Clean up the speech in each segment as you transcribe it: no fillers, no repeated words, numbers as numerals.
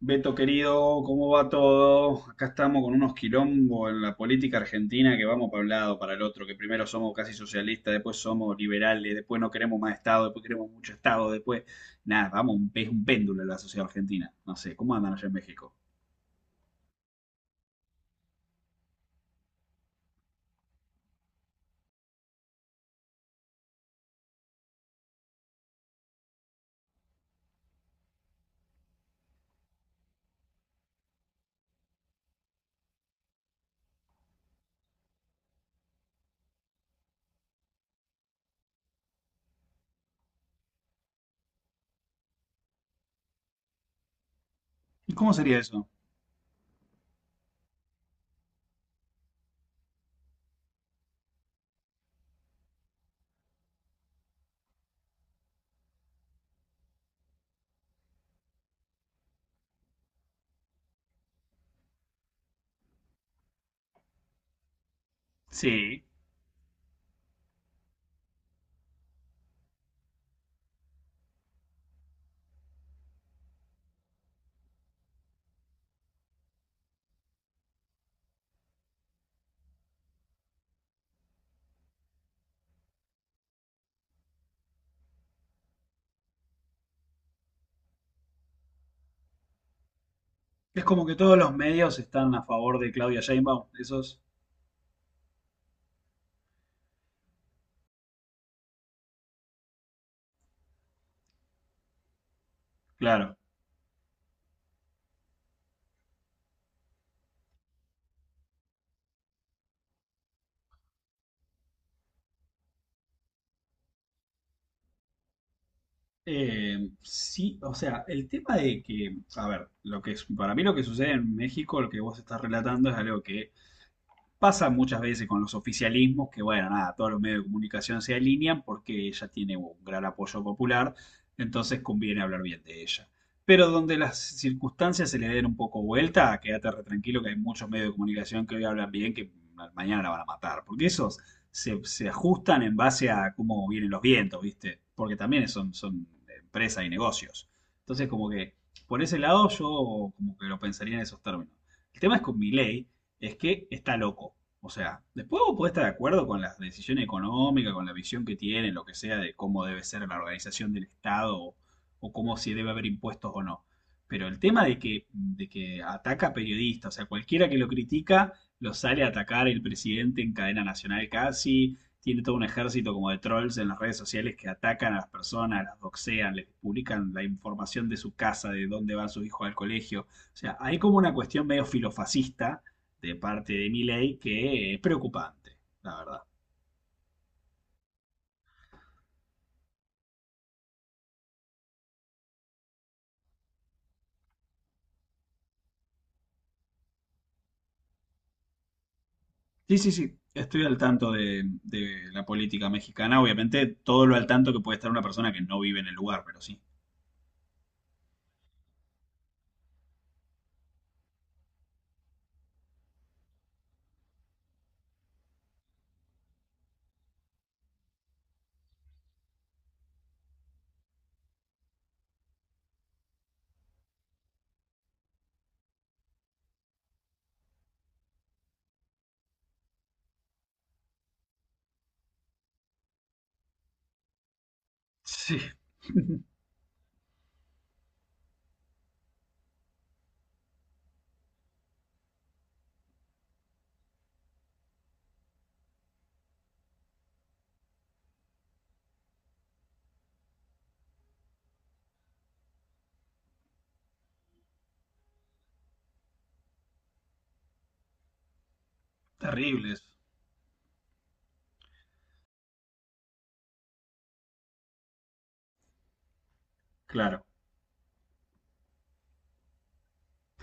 Beto querido, ¿cómo va todo? Acá estamos con unos quilombos en la política argentina que vamos para un lado, para el otro, que primero somos casi socialistas, después somos liberales, después no queremos más Estado, después queremos mucho Estado, después nada, vamos, es un péndulo la sociedad argentina. No sé, ¿cómo andan allá en México? ¿Y cómo sería eso? Sí, es como que todos los medios están a favor de Claudia Sheinbaum, esos, claro. Sí, o sea, el tema de que, a ver, lo que es, para mí lo que sucede en México, lo que vos estás relatando es algo que pasa muchas veces con los oficialismos que, bueno, nada, todos los medios de comunicación se alinean porque ella tiene un gran apoyo popular, entonces conviene hablar bien de ella. Pero donde las circunstancias se le den un poco vuelta, quédate re tranquilo que hay muchos medios de comunicación que hoy hablan bien que mañana la van a matar, porque esos se ajustan en base a cómo vienen los vientos, ¿viste? Porque también son empresas y negocios. Entonces, como que por ese lado yo como que lo pensaría en esos términos. El tema es con mi ley es que está loco. O sea, después vos podés estar de acuerdo con la decisión económica, con la visión que tienen, lo que sea, de cómo debe ser la organización del Estado o cómo si debe haber impuestos o no. Pero el tema de que ataca a periodistas, o sea, cualquiera que lo critica lo sale a atacar el presidente en cadena nacional casi, tiene todo un ejército como de trolls en las redes sociales que atacan a las personas, las doxean, les publican la información de su casa, de dónde van sus hijos al colegio. O sea, hay como una cuestión medio filofascista de parte de Milei que es preocupante, la verdad. Sí, sí, sí. Estoy al tanto de la política mexicana. Obviamente, todo lo al tanto que puede estar una persona que no vive en el lugar, pero sí. Sí. Terribles. Claro.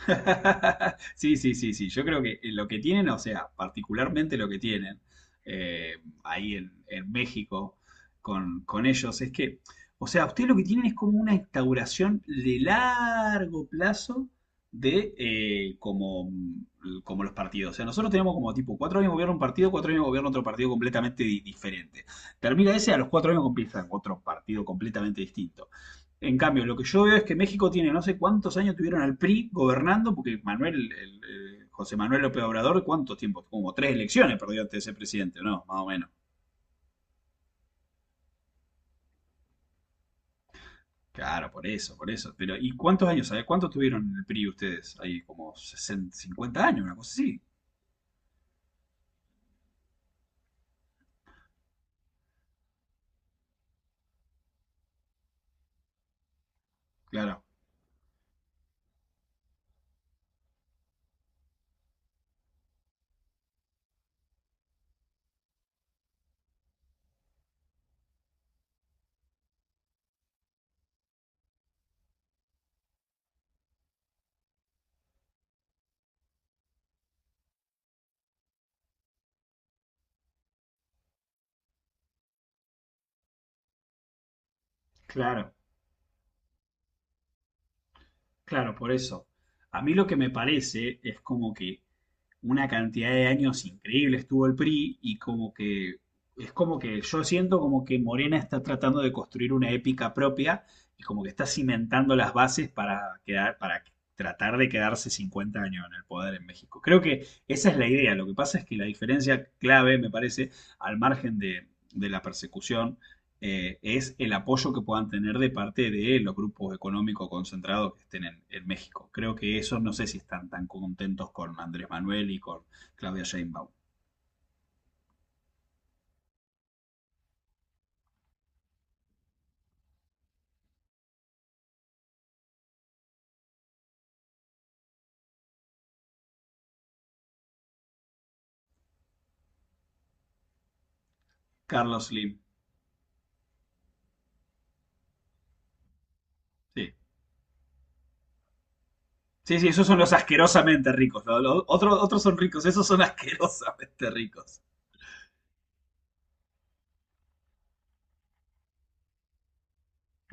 Sí, sí, sí, sí. Yo creo que lo que tienen, o sea, particularmente lo que tienen eh, ahí en México con ellos, es que, o sea, ustedes lo que tienen es como una instauración de largo plazo de como, como los partidos. O sea, nosotros tenemos como tipo 4 años gobierno un partido, 4 años gobierno otro partido completamente diferente. Termina ese, a los 4 años empieza otro partido completamente distinto. En cambio, lo que yo veo es que México tiene no sé cuántos años tuvieron al PRI gobernando, porque Manuel, el José Manuel López Obrador, ¿cuántos tiempos? Como tres elecciones perdió antes de ser presidente, ¿no? Más o menos. Claro, por eso, por eso. Pero, ¿y cuántos años? ¿Sabes cuántos tuvieron en el PRI ustedes? Ahí como 60, 50 años, una cosa así. Claro, claro, claro, por eso. A mí lo que me parece es como que una cantidad de años increíble estuvo el PRI y como que es como que yo siento como que Morena está tratando de construir una épica propia y como que está cimentando las bases para quedar, para tratar de quedarse 50 años en el poder en México. Creo que esa es la idea. Lo que pasa es que la diferencia clave, me parece, al margen de la persecución es el apoyo que puedan tener de parte de los grupos económicos concentrados que estén en México. Creo que esos no sé si están tan contentos con Andrés Manuel y con Claudia Sheinbaum. Carlos Slim, sí. Sí, sí, esos son los asquerosamente ricos. Otros son ricos, esos son asquerosamente ricos.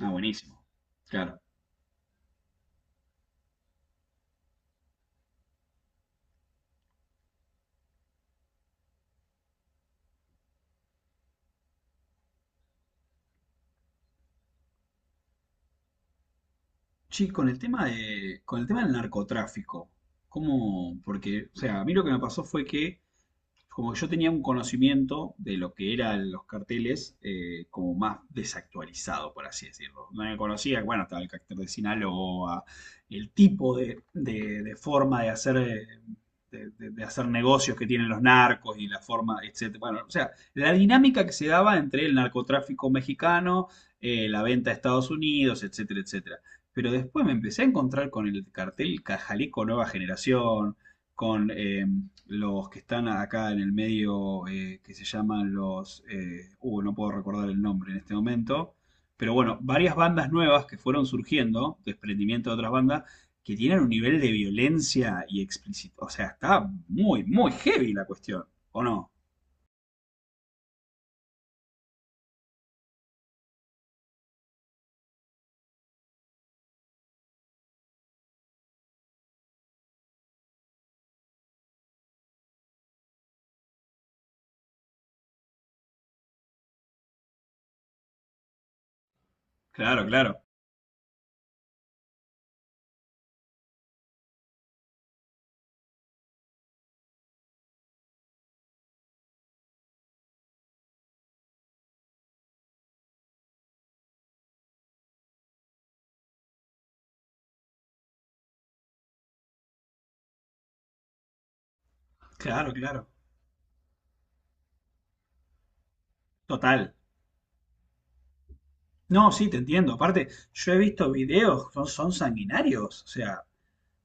Ah, buenísimo. Claro. Sí, con el tema de, con el tema del narcotráfico, ¿cómo? Porque, o sea, a mí lo que me pasó fue que como que yo tenía un conocimiento de lo que eran los carteles como más desactualizado, por así decirlo. No me conocía, bueno, estaba el cartel de Sinaloa, el tipo de forma de hacer, de hacer negocios que tienen los narcos y la forma, etcétera. Bueno, o sea, la dinámica que se daba entre el narcotráfico mexicano, la venta a Estados Unidos, etcétera, etcétera. Pero después me empecé a encontrar con el cartel Cajalico Nueva Generación, con los que están acá en el medio, que se llaman los... no puedo recordar el nombre en este momento, pero bueno, varias bandas nuevas que fueron surgiendo, desprendimiento de otras bandas, que tienen un nivel de violencia y explícito. O sea, está muy, muy heavy la cuestión, ¿o no? Claro, claro, claro, claro. Total. No, sí, te entiendo. Aparte, yo he visto videos, son sanguinarios. O sea,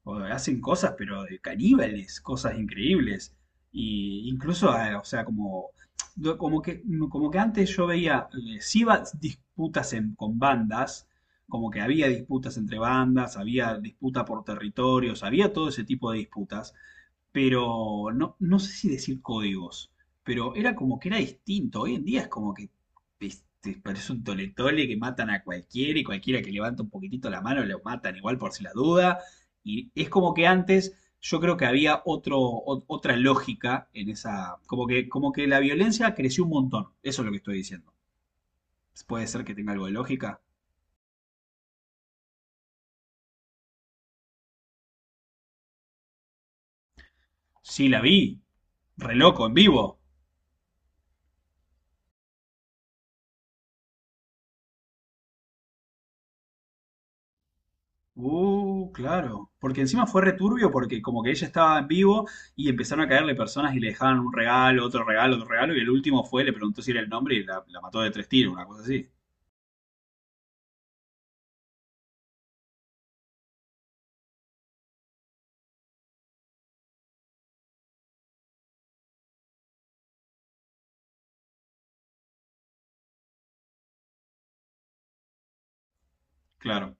o hacen cosas, pero de caníbales, cosas increíbles. Y incluso, ah, o sea, como, no, como que antes yo veía, sí iba disputas con bandas, como que había disputas entre bandas, había disputa por territorios, había todo ese tipo de disputas, pero no, no sé si decir códigos, pero era como que era distinto. Hoy en día es como que parece un tole-tole que matan a cualquiera y cualquiera que levanta un poquitito la mano lo matan igual por si la duda. Y es como que antes yo creo que había otro, otra lógica en esa, como que la violencia creció un montón, eso es lo que estoy diciendo. Puede ser que tenga algo de lógica. Sí, la vi, re loco, en vivo. Claro. Porque encima fue returbio porque como que ella estaba en vivo y empezaron a caerle personas y le dejaban un regalo, otro regalo, otro regalo, y el último fue, le preguntó si era el nombre y la mató de tres tiros, una cosa así. Claro.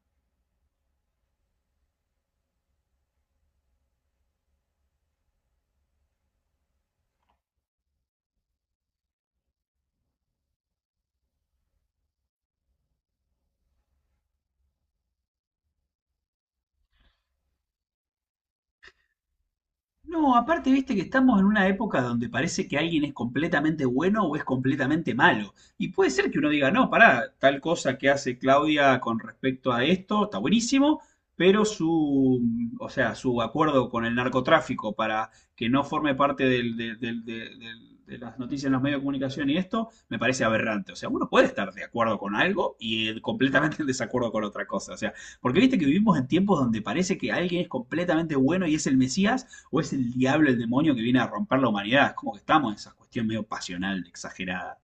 No, aparte, viste que estamos en una época donde parece que alguien es completamente bueno o es completamente malo. Y puede ser que uno diga, no, pará, tal cosa que hace Claudia con respecto a esto está buenísimo, pero su, o sea, su acuerdo con el narcotráfico para que no forme parte de las noticias en los medios de comunicación y esto me parece aberrante. O sea, uno puede estar de acuerdo con algo y completamente en desacuerdo con otra cosa. O sea, porque viste que vivimos en tiempos donde parece que alguien es completamente bueno y es el Mesías o es el diablo, el demonio que viene a romper la humanidad. Es como que estamos en esa cuestión medio pasional, exagerada.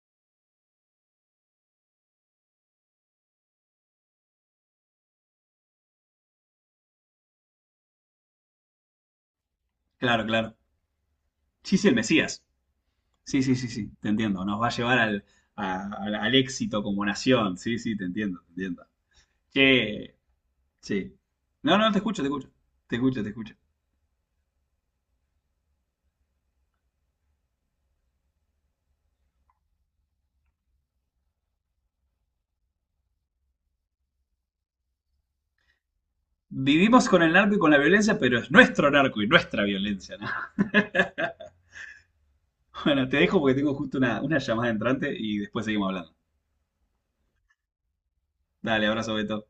Claro, claro. Sí, sí, el Mesías. Sí, sí, sí, sí, te entiendo. Nos va a llevar al, al éxito como nación. Sí, sí, te entiendo, te entiendo. Che, sí. No, no, te escucho, te escucho. Te escucho, te escucho. Vivimos con el narco y con la violencia, pero es nuestro narco y nuestra violencia, ¿no? Bueno, te dejo porque tengo justo una llamada entrante y después seguimos hablando. Dale, abrazo, Beto.